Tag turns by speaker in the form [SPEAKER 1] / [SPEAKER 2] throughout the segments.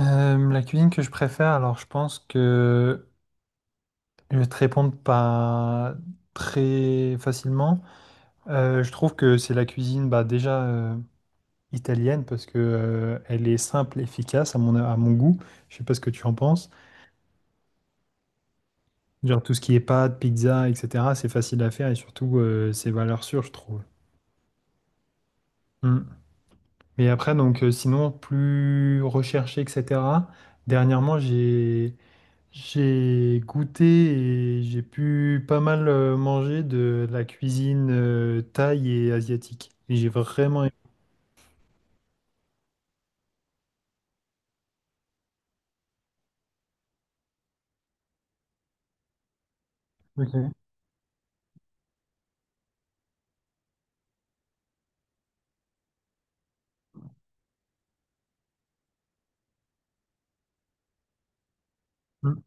[SPEAKER 1] La cuisine que je préfère, alors je pense que je vais te répondre pas très facilement. Je trouve que c'est la cuisine déjà italienne parce que elle est simple, efficace à mon goût. Je sais pas ce que tu en penses. Genre tout ce qui est pâtes, pizza, etc. C'est facile à faire et surtout c'est valeur sûre, je trouve. Mm. Mais après donc sinon plus recherché, etc. Dernièrement j'ai goûté et j'ai pu pas mal manger de la cuisine thaï et asiatique. Et j'ai vraiment aimé. Ok. Mm.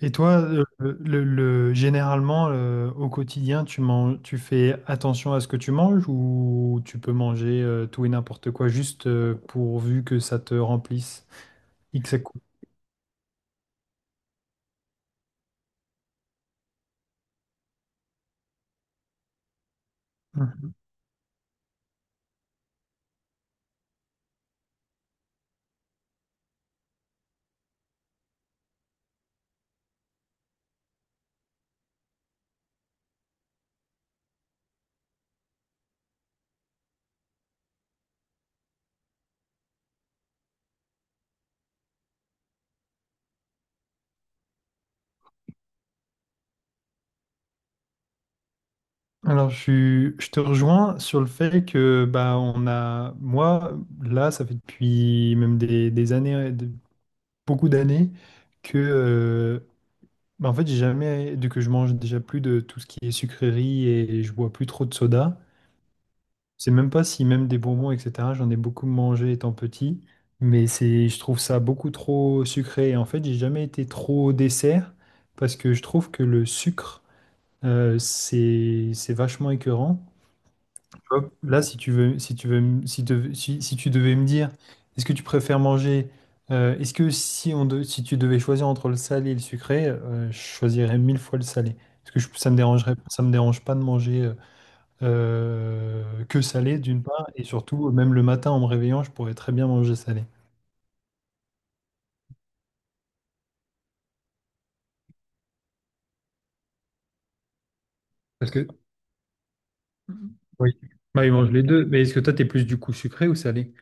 [SPEAKER 1] Et toi, généralement, au quotidien, tu manges, tu fais attention à ce que tu manges, ou tu peux manger tout et n'importe quoi juste pourvu que ça te remplisse X à coup. Mm. Alors, je te rejoins sur le fait que bah, on a, moi, là, ça fait depuis même des années, beaucoup d'années que bah, en fait j'ai jamais de que je mange déjà plus de tout ce qui est sucrerie et je bois plus trop de soda. Je sais même pas si même des bonbons etc. J'en ai beaucoup mangé étant petit, mais c'est je trouve ça beaucoup trop sucré. Et en fait j'ai jamais été trop dessert parce que je trouve que le sucre c'est vachement écœurant vois. Là, si tu veux, si tu veux, si, te- si, si tu devais me dire, est-ce que tu préfères manger, est-ce que si on de- si tu devais choisir entre le salé et le sucré, je choisirais mille fois le salé. Ça me dérangerait, ça me dérange pas de manger que salé d'une part, et surtout, même le matin en me réveillant, je pourrais très bien manger salé. Parce que, oui, bah, ils mangent les deux, mais est-ce que toi, t'es plus du coup sucré ou salé?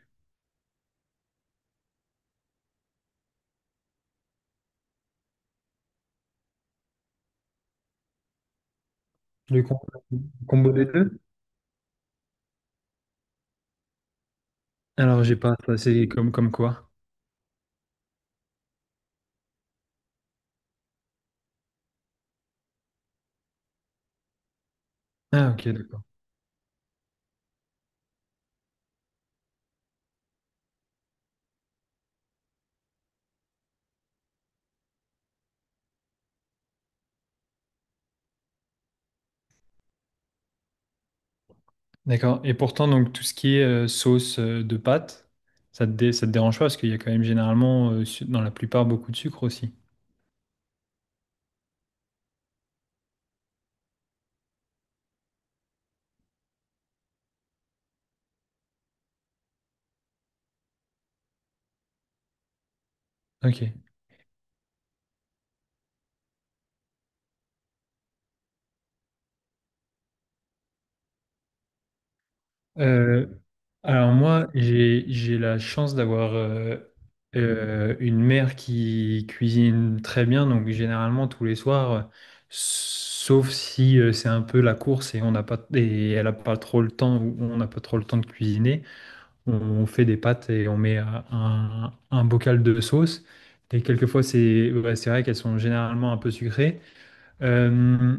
[SPEAKER 1] Le com- le combo des deux? Alors, j'ai pas, ça, c'est comme quoi? Ah, ok, d'accord. D'accord. Et pourtant, donc, tout ce qui est sauce de pâte, ça te dérange pas parce qu'il y a quand même généralement, dans la plupart, beaucoup de sucre aussi. Ok. Euh, alors moi, j'ai la chance d'avoir une mère qui cuisine très bien, donc généralement tous les soirs, sauf si c'est un peu la course et on n'a pas et elle n'a pas trop le temps ou on n'a pas trop le temps de cuisiner. On fait des pâtes et on met un bocal de sauce. Et quelquefois, c'est ouais, c'est vrai qu'elles sont généralement un peu sucrées. Euh,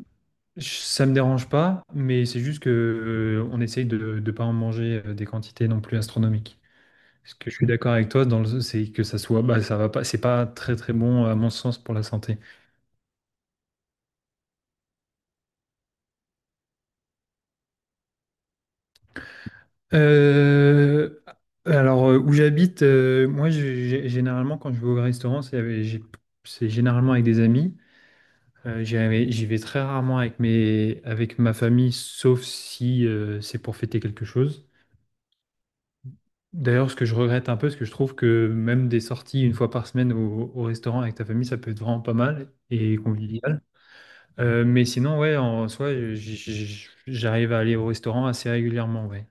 [SPEAKER 1] ça me dérange pas, mais c'est juste que on essaye de ne pas en manger des quantités non plus astronomiques. Parce que je suis d'accord avec toi, c'est que ça soit, bah, ça va pas, c'est pas très très bon à mon sens pour la santé. Euh, alors où j'habite, moi généralement quand je vais au restaurant, c'est généralement avec des amis. J'y vais très rarement avec avec ma famille, sauf si c'est pour fêter quelque chose. D'ailleurs, ce que je regrette un peu, parce que je trouve que même des sorties une fois par semaine au restaurant avec ta famille, ça peut être vraiment pas mal et convivial. Mais sinon, ouais, en soi, j'arrive à aller au restaurant assez régulièrement, ouais.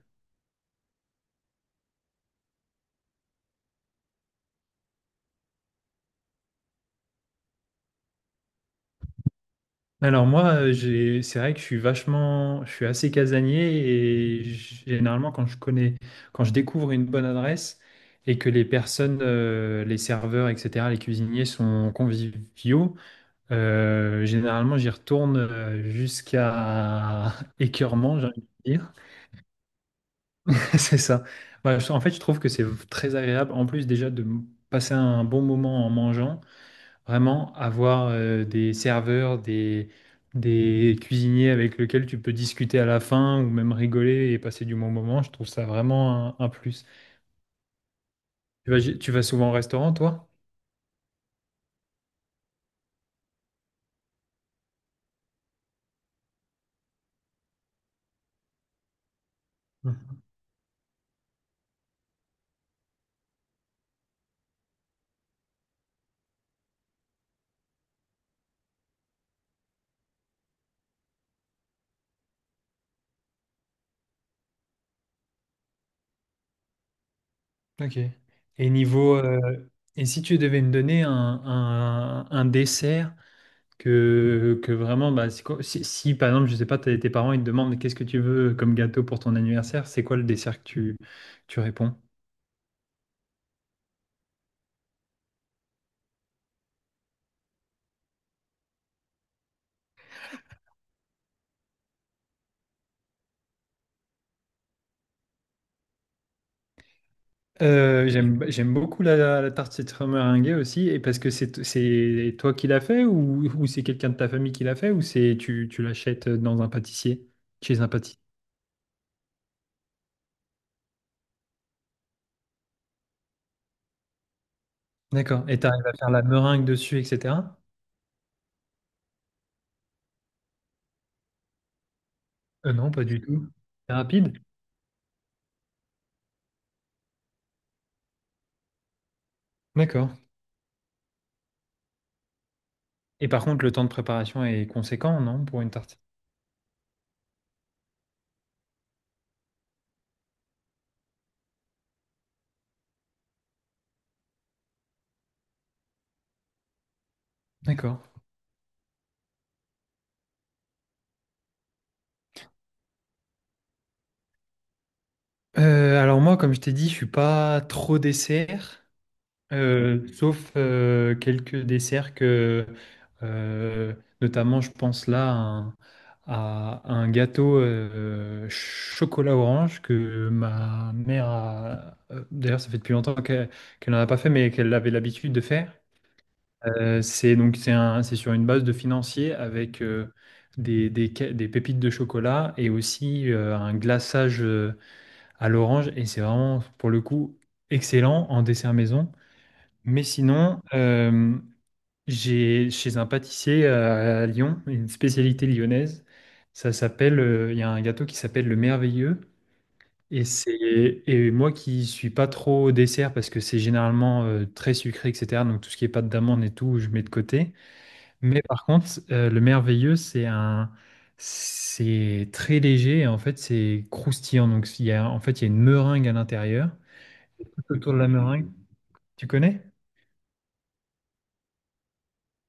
[SPEAKER 1] Alors moi, c'est vrai que je suis vachement, je suis assez casanier et généralement quand je découvre une bonne adresse et que les personnes, les serveurs, etc., les cuisiniers sont conviviaux, généralement j'y retourne jusqu'à écœurement, j'ai envie de dire. C'est ça. En fait, je trouve que c'est très agréable. En plus déjà de passer un bon moment en mangeant. Vraiment, avoir des serveurs, des cuisiniers avec lesquels tu peux discuter à la fin ou même rigoler et passer du bon moment, je trouve ça vraiment un plus. Tu vas souvent au restaurant, toi? Mhm. Ok. Et niveau, et si tu devais me donner un dessert que vraiment, bah, c'est quoi- si, si, par exemple, je sais pas, tes parents ils te demandent qu'est-ce que tu veux comme gâteau pour ton anniversaire, c'est quoi le dessert que tu réponds? J'aime beaucoup la tarte citron meringuée aussi, et parce que c'est toi qui l'as fait ou c'est quelqu'un de ta famille qui l'a fait ou c'est tu l'achètes dans un pâtissier, chez un pâtissier. D'accord. Et tu arrives à faire la meringue dessus, etc. Non, pas du tout. C'est rapide. D'accord. Et par contre, le temps de préparation est conséquent, non, pour une tarte. D'accord. Alors moi, comme je t'ai dit, je suis pas trop dessert. Sauf quelques desserts euh, notamment, je pense là à un gâteau chocolat orange que ma mère a. D'ailleurs, ça fait depuis longtemps qu'elle n'en a pas fait, mais qu'elle avait l'habitude de faire. C'est donc c'est sur une base de financier avec des pépites de chocolat et aussi un glaçage à l'orange. Et c'est vraiment, pour le coup, excellent en dessert maison. Mais sinon, j'ai chez un pâtissier à Lyon, une spécialité lyonnaise. Il y a un gâteau qui s'appelle le Merveilleux. Et c'est et moi qui suis pas trop au dessert parce que c'est généralement très sucré, etc. Donc tout ce qui est pâte d'amande et tout, je mets de côté. Mais par contre, le Merveilleux, c'est très léger et en fait c'est croustillant. Donc il y a une meringue à l'intérieur. Tout autour de la meringue, tu connais?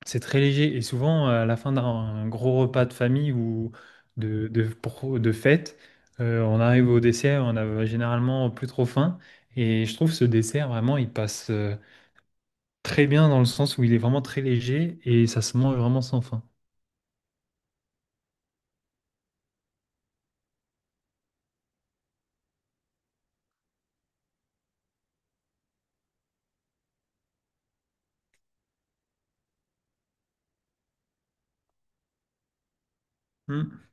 [SPEAKER 1] C'est très léger et souvent à la fin d'un gros repas de famille ou de fête, on arrive au dessert, on a généralement plus trop faim et je trouve ce dessert vraiment il passe très bien dans le sens où il est vraiment très léger et ça se mange vraiment sans faim. Hmm.